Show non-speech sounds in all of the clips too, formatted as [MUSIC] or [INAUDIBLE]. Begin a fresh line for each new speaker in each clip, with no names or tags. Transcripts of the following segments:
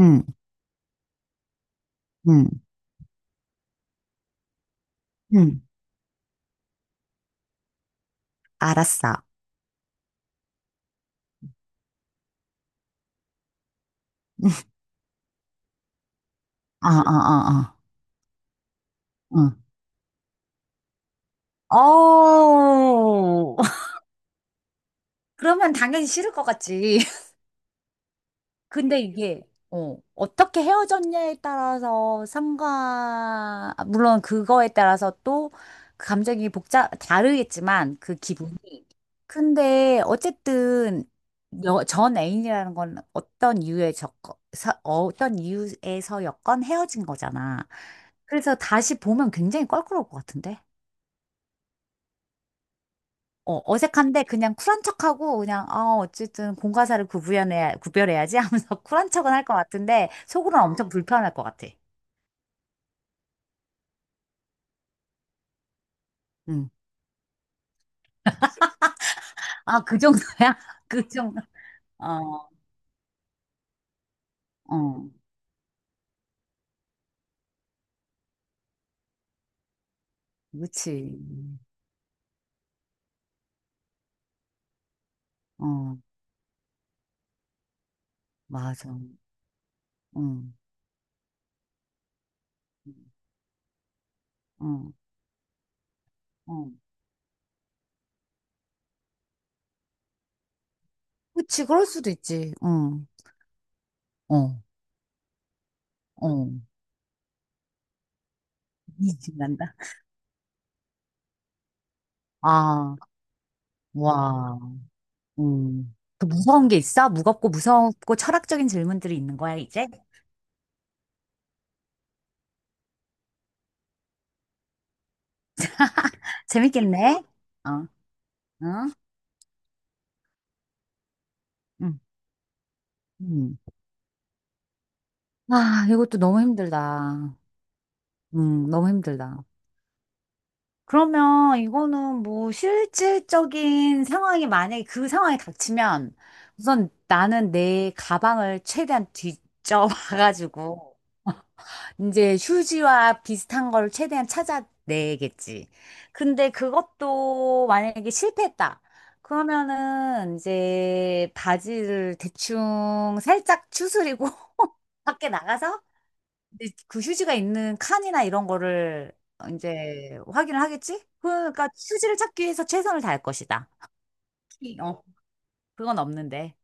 응, 응, 응. 알았어. 어, 어, 어, 어. 응. 어, 어우. [LAUGHS] 그러면 당연히 싫을 것 같지. 근데 이게, 어, 어떻게 헤어졌냐에 따라서 아, 물론 그거에 따라서 또 그 감정이 다르겠지만 그 기분이. 근데 어쨌든 전 애인이라는 건 어떤 이유에서였건 헤어진 거잖아. 그래서 다시 보면 굉장히 껄끄러울 것 같은데? 어, 어색한데 그냥 쿨한 척하고 그냥 어, 어쨌든 공과사를 구분해야 구별해야지 하면서 [LAUGHS] 쿨한 척은 할 것 같은데 속으로는 엄청 불편할 것 같아. 응. 아, 그 정도야? [LAUGHS] 그 정도. 어, 어, 그치. 어, 맞아. 응, 응, 응. 그치, 그럴 수도 있지. 응, 어, 어. 이집 난다. 아, 와. 음. 그 무서운 게 있어? 무겁고 무섭고 철학적인 질문들이 있는 거야, 이제? 재밌겠네. 어. 응? 응, 응. 아, 이것도 너무 힘들다. 너무 힘들다. 그러면 이거는 뭐 실질적인 상황이 만약에 그 상황이 닥치면 우선 나는 내 가방을 최대한 뒤져봐가지고 이제 휴지와 비슷한 걸 최대한 찾아내겠지. 근데 그것도 만약에 실패했다. 그러면은 이제 바지를 대충 살짝 추스리고 [LAUGHS] 밖에 나가서 근데 그 휴지가 있는 칸이나 이런 거를 이제 확인을 하겠지? 그러니까 휴지를 찾기 위해서 최선을 다할 것이다. 키, 어, 그건 없는데.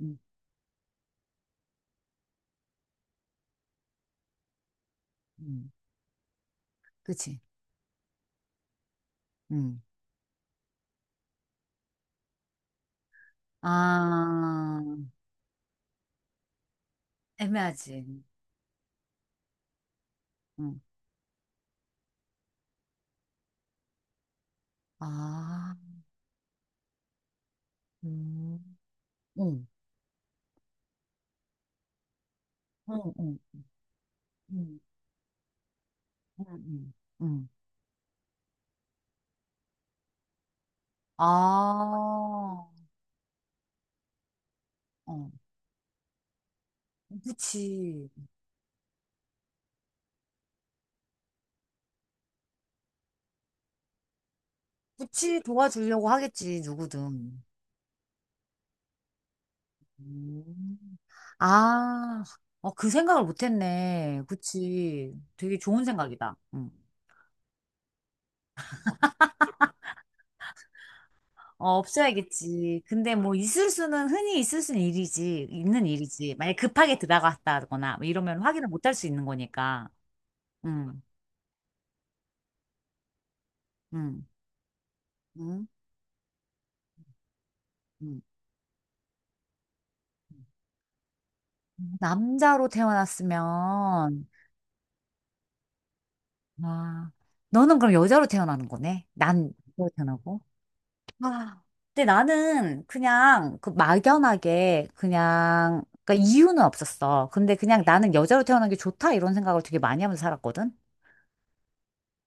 음, 음, 그치. 음. 아, 애매하지. 음. 아, 음, 응, 응, 응, 응, 응, 응. 응. 아, 어, 그치. 그치, 도와주려고 하겠지, 누구든. 음. 아, 어, 그 생각을 못했네. 그치. 되게 좋은 생각이다. 응. 어, 없어야겠지. 근데 뭐 있을 수는 흔히 있을 수는 일이지. 있는 일이지. 만약 급하게 들어갔다거나 뭐 이러면 확인을 못할 수 있는 거니까. 응, 응, 응, 응. 남자로 태어났으면, 와, 너는 그럼 여자로 태어나는 거네? 난 여자로 태어나고. 아, 근데 나는 그냥 그 막연하게 그냥 그러니까 이유는 없었어. 근데 그냥 나는 여자로 태어난 게 좋다 이런 생각을 되게 많이 하면서 살았거든.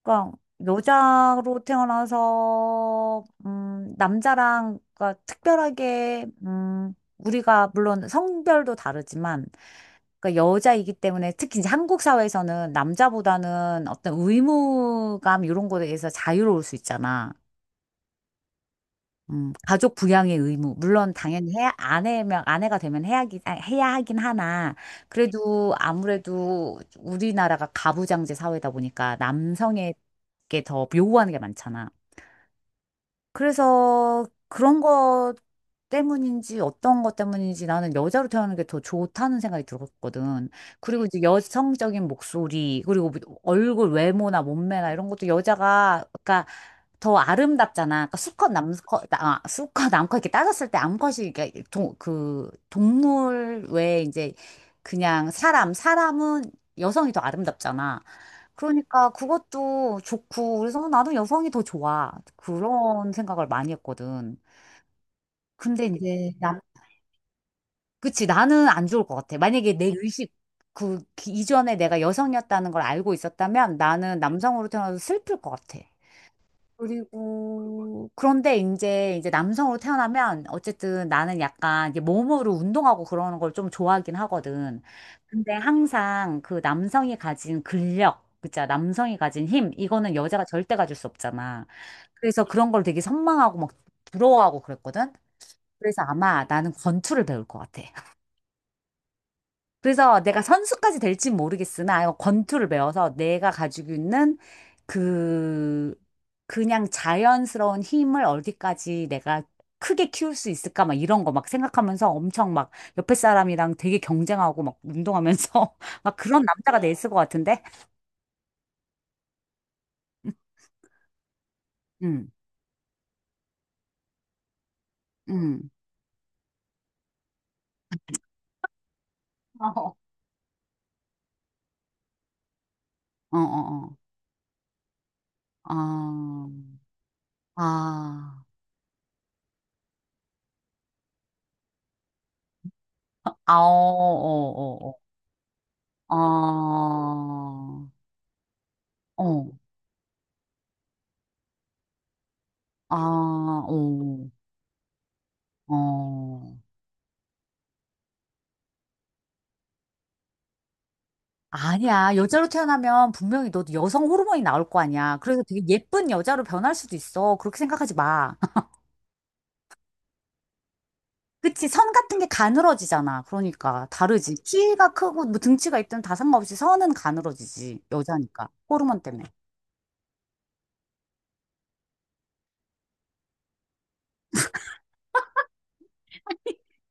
그러니까 여자로 태어나서 남자랑 그러니까 특별하게 우리가 물론 성별도 다르지만 그러니까 여자이기 때문에 특히 이제 한국 사회에서는 남자보다는 어떤 의무감 이런 거에 대해서 자유로울 수 있잖아. 가족 부양의 의무. 물론 당연히 해야 아내면 아내가 되면 해야 하긴 하나. 그래도 아무래도 우리나라가 가부장제 사회다 보니까 남성에게 더 요구하는 게 많잖아. 그래서 그런 것 때문인지 어떤 것 때문인지 나는 여자로 태어나는 게 더 좋다는 생각이 들었거든. 그리고 이제 여성적인 목소리, 그리고 뭐 얼굴 외모나 몸매나 이런 것도 여자가, 그러니까 더 아름답잖아. 그러니까 수컷 남컷 이렇게 따졌을 때 암컷이 이렇게 동, 그 동물 외에 이제 그냥 사람은 여성이 더 아름답잖아. 그러니까 그것도 좋고, 그래서 나도 여성이 더 좋아. 그런 생각을 많이 했거든. 근데 이제, 나, 그치, 나는 안 좋을 것 같아. 만약에 내 의식, 그, 이전에 내가 여성이었다는 걸 알고 있었다면 나는 남성으로 태어나서 슬플 것 같아. 그리고 그런데 이제 남성으로 태어나면 어쨌든 나는 약간 이제 몸으로 운동하고 그러는 걸 좀 좋아하긴 하거든. 근데 항상 그 남성이 가진 근력, 그자 남성이 가진 힘 이거는 여자가 절대 가질 수 없잖아. 그래서 그런 걸 되게 선망하고 막 부러워하고 그랬거든. 그래서 아마 나는 권투를 배울 것 같아. 그래서 내가 선수까지 될진 모르겠으나 이 권투를 배워서 내가 가지고 있는 그 그냥 자연스러운 힘을 어디까지 내가 크게 키울 수 있을까 막 이런 거 막 생각하면서 엄청 막 옆에 사람이랑 되게 경쟁하고 막 운동하면서 [LAUGHS] 막 그런 남자가 됐을 것 같은데. 음. 음. 어. 어, 어, 어. 아. 아. 아, 어, 어, 어. 어. 아. 어. 아, 어. 어, 아니야. 여자로 태어나면 분명히 너도 여성 호르몬이 나올 거 아니야. 그래서 되게 예쁜 여자로 변할 수도 있어. 그렇게 생각하지 마. [LAUGHS] 그치? 선 같은 게 가늘어지잖아. 그러니까 다르지. 키가 크고 뭐 등치가 있든 다 상관없이 선은 가늘어지지. 여자니까. 호르몬 때문에.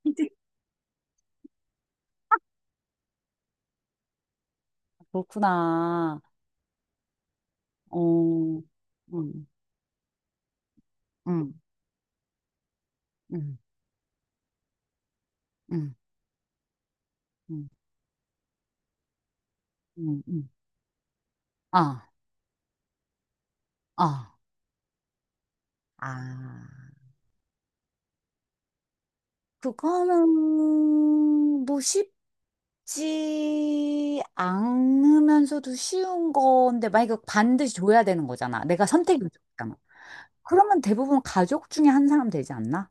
[LAUGHS] 그렇구나. 어, 음, 음, 음, 음, 음, 음, 음. 아, 아, 아. 그거는 뭐 쉽지 않으면서도 쉬운 건데 만약에 반드시 줘야 되는 거잖아. 내가 선택이 있잖아. 그러면 대부분 가족 중에 한 사람 되지 않나?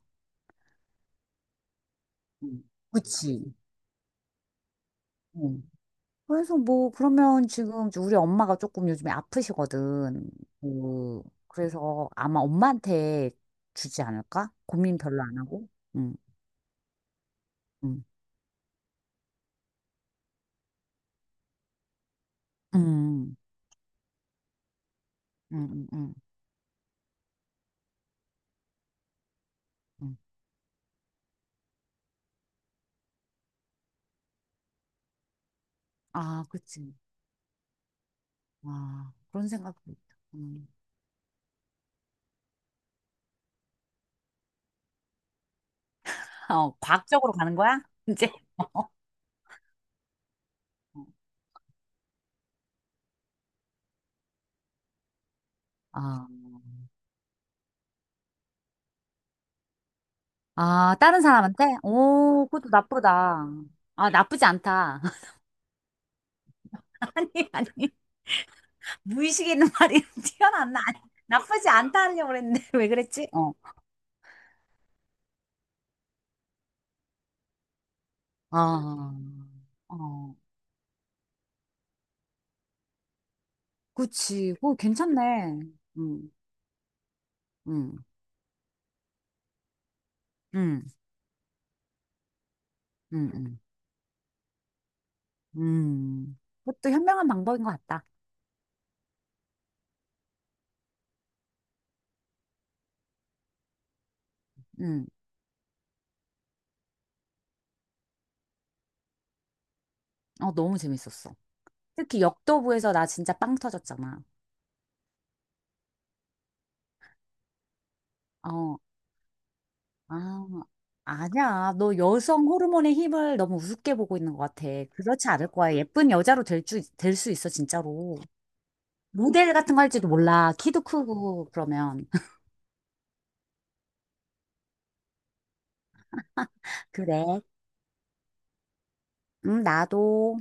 음. 그치. 응. 그래서 뭐 그러면 지금 우리 엄마가 조금 요즘에 아프시거든. 그래서 아마 엄마한테 주지 않을까? 고민 별로 안 하고. 응, 응, 응, 응, 응, 응. 응. 아, 그치. 아, 그런 생각도 있다. 음. 어, 과학적으로 가는 거야? [LAUGHS] 이제. 아, 아, 다른 사람한테? 오, 그것도 나쁘다. 아, 나쁘지 않다. [LAUGHS] 아니, 아니. 무의식에 있는 말이 [LAUGHS] 튀어나왔나? 아니, 나쁘지 않다 하려고 그랬는데, [LAUGHS] 왜 그랬지? 어. 아, 어. 그치. 오, 괜찮네. 음, 음, 음, 음, 음. 음. 그것도 현명한 방법인 것 같다. 음. 어, 너무 재밌었어. 특히 역도부에서 나 진짜 빵 터졌잖아. 어, 아, 아니야. 너 여성 호르몬의 힘을 너무 우습게 보고 있는 것 같아. 그렇지 않을 거야. 예쁜 여자로 될 줄, 될 수 있어, 진짜로. 모델 같은 거 할지도 몰라. 키도 크고, 그러면. [LAUGHS] 그래. 나도.